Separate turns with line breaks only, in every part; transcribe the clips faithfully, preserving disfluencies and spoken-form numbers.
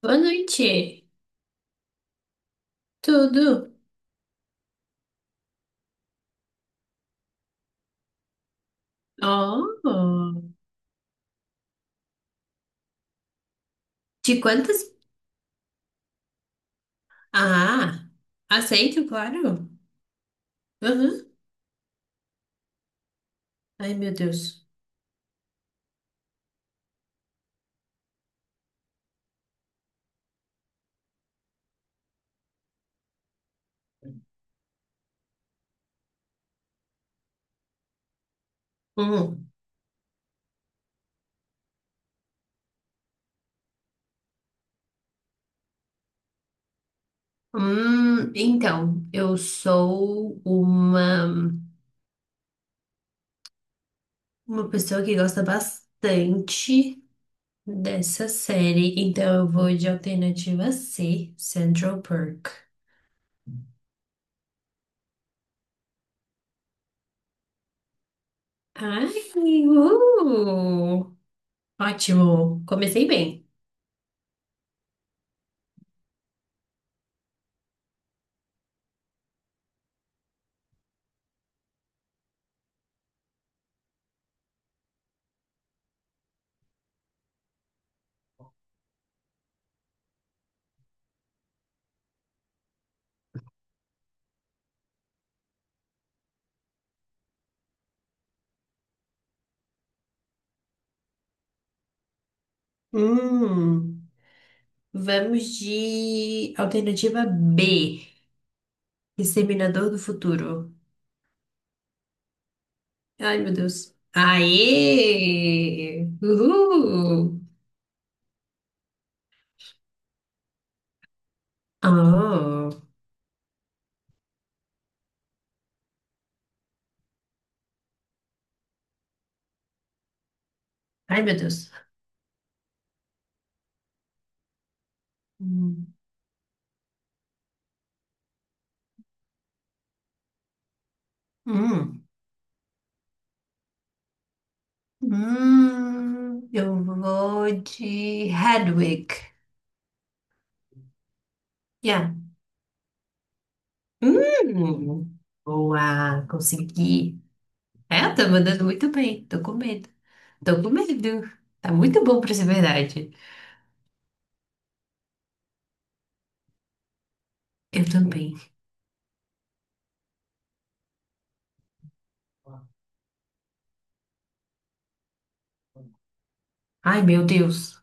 Boa noite. Tudo? Oh, de quantas? Ah, aceito, claro. Uhum. Ai, meu Deus. Hum. Hum, então, eu sou uma, uma pessoa que gosta bastante dessa série, então eu vou de alternativa C, Central Perk. Ai, uh, ótimo. Comecei bem. Hum. Vamos de alternativa B, Exterminador do Futuro. Ai, meu Deus. Aê! Uhul! Oh. Ai, meu Deus. Hum. Hum. Hum. Eu vou de Hedwig. Yeah. Hum. Boa, consegui. É, tá mandando muito bem. Tô com medo. Tô com medo. Tá muito bom pra ser verdade. Eu também. Ai, meu Deus.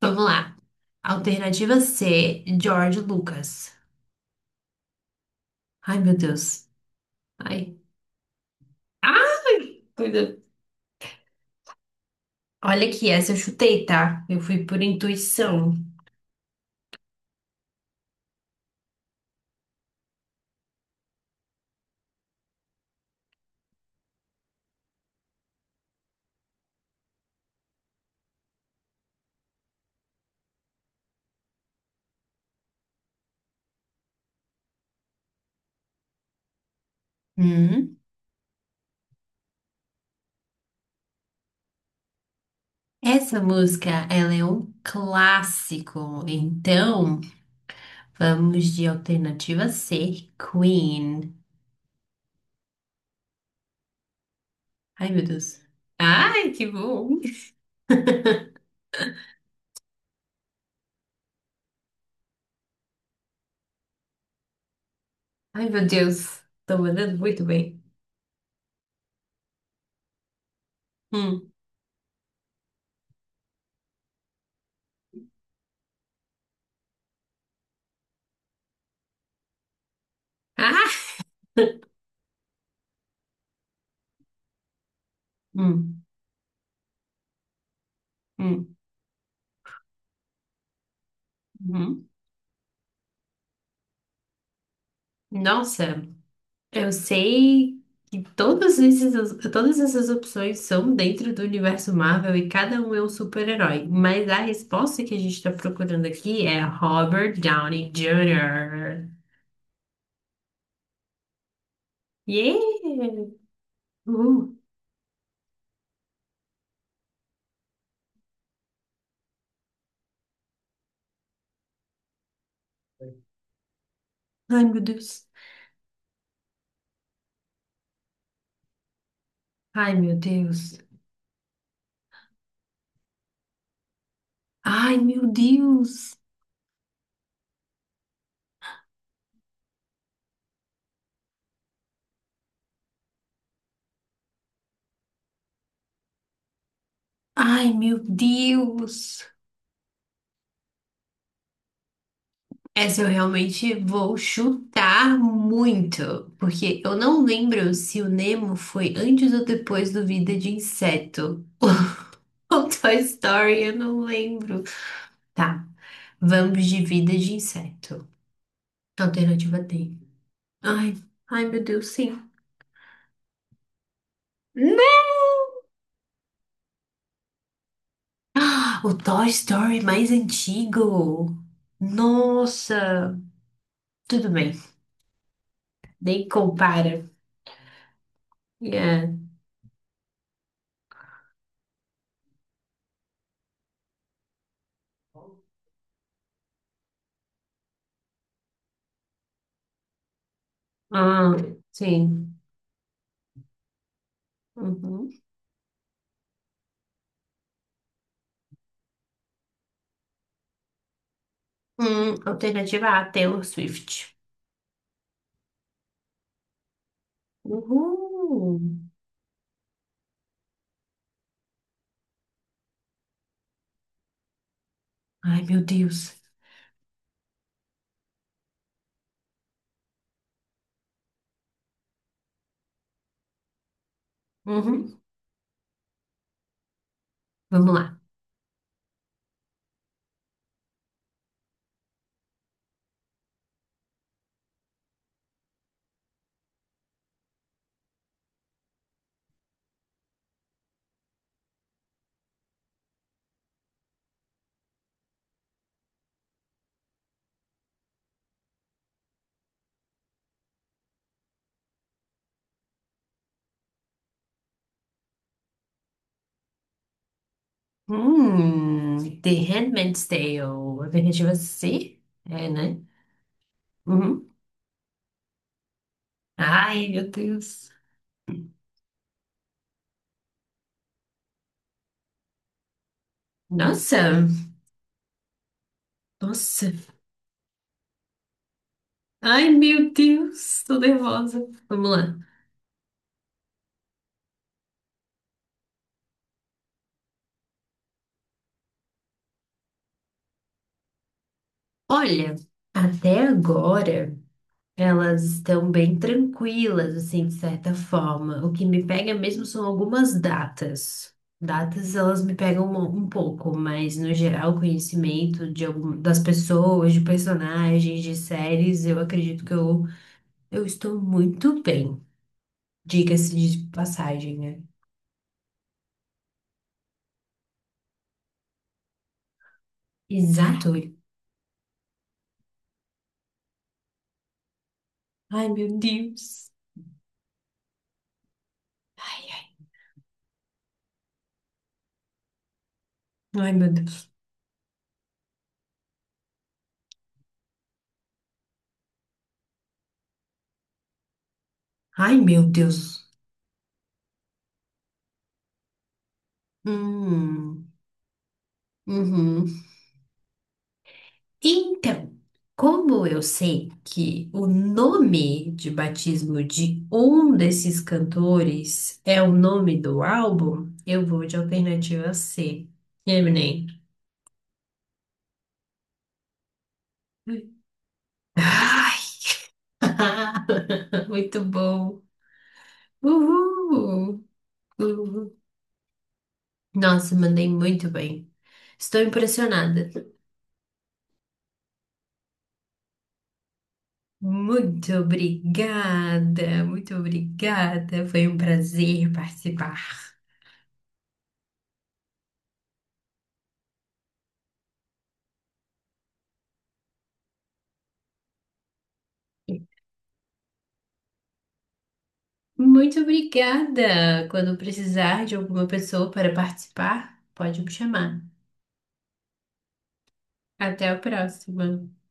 Vamos lá. Alternativa C, George Lucas. Ai, meu Deus. Ai. Ai, coisa. Olha aqui, essa eu chutei, tá? Eu fui por intuição. Hum, Essa música, ela é um clássico. Então, vamos de alternativa C, Queen. Ai, meu Deus. Ai, que bom. Ai, meu Deus. Tô mandando muito bem. Hum. Ah! Hum, hum, hum. Nossa. Eu sei que todas esses, todas essas opções são dentro do universo Marvel e cada um é um super-herói, mas a resposta que a gente está procurando aqui é Robert Downey júnior Yeah! Uh, ai, meu Deus. Ai, meu Deus. Ai, meu Deus. Ai, meu Deus. Essa eu realmente vou chutar muito, porque eu não lembro se o Nemo foi antes ou depois do Vida de Inseto. Com Toy Story, eu não lembro. Tá. Vamos de vida de inseto. Alternativa D. Ai, ai, meu Deus, sim. Né? Ah, o Toy Story mais antigo. Nossa. Tudo bem. Nem compara. Yeah. Ah, sim. Uhum. Hum, alternativa A, Taylor Swift. Uhul. Ai, meu Deus. Uhum. Vamos lá. Hum, The Handmaid's Tale. A Vingativa C? É, né? Uhum. Ai, meu Deus. Nossa, nossa. Ai, meu Deus, tô nervosa. Vamos lá. Olha, até agora. Elas estão bem tranquilas, assim, de certa forma. O que me pega mesmo são algumas datas. Datas, elas me pegam um, um pouco, mas no geral, conhecimento de algum, das pessoas, de personagens, de séries, eu acredito que eu, eu estou muito bem. Diga-se de passagem, né? Exato. Ai, meu Deus. Ai, meu Deus. Ai, meu Deus. Hum, uhum. Então, como eu sei que o nome de batismo de um desses cantores é o nome do álbum, eu vou de alternativa C. Eminem. Ai! Muito bom. Uhul. Uhul. Nossa, mandei muito bem. Estou impressionada. Muito obrigada, muito obrigada. Foi um prazer participar. Muito obrigada. Quando precisar de alguma pessoa para participar, pode me chamar. Até a próxima.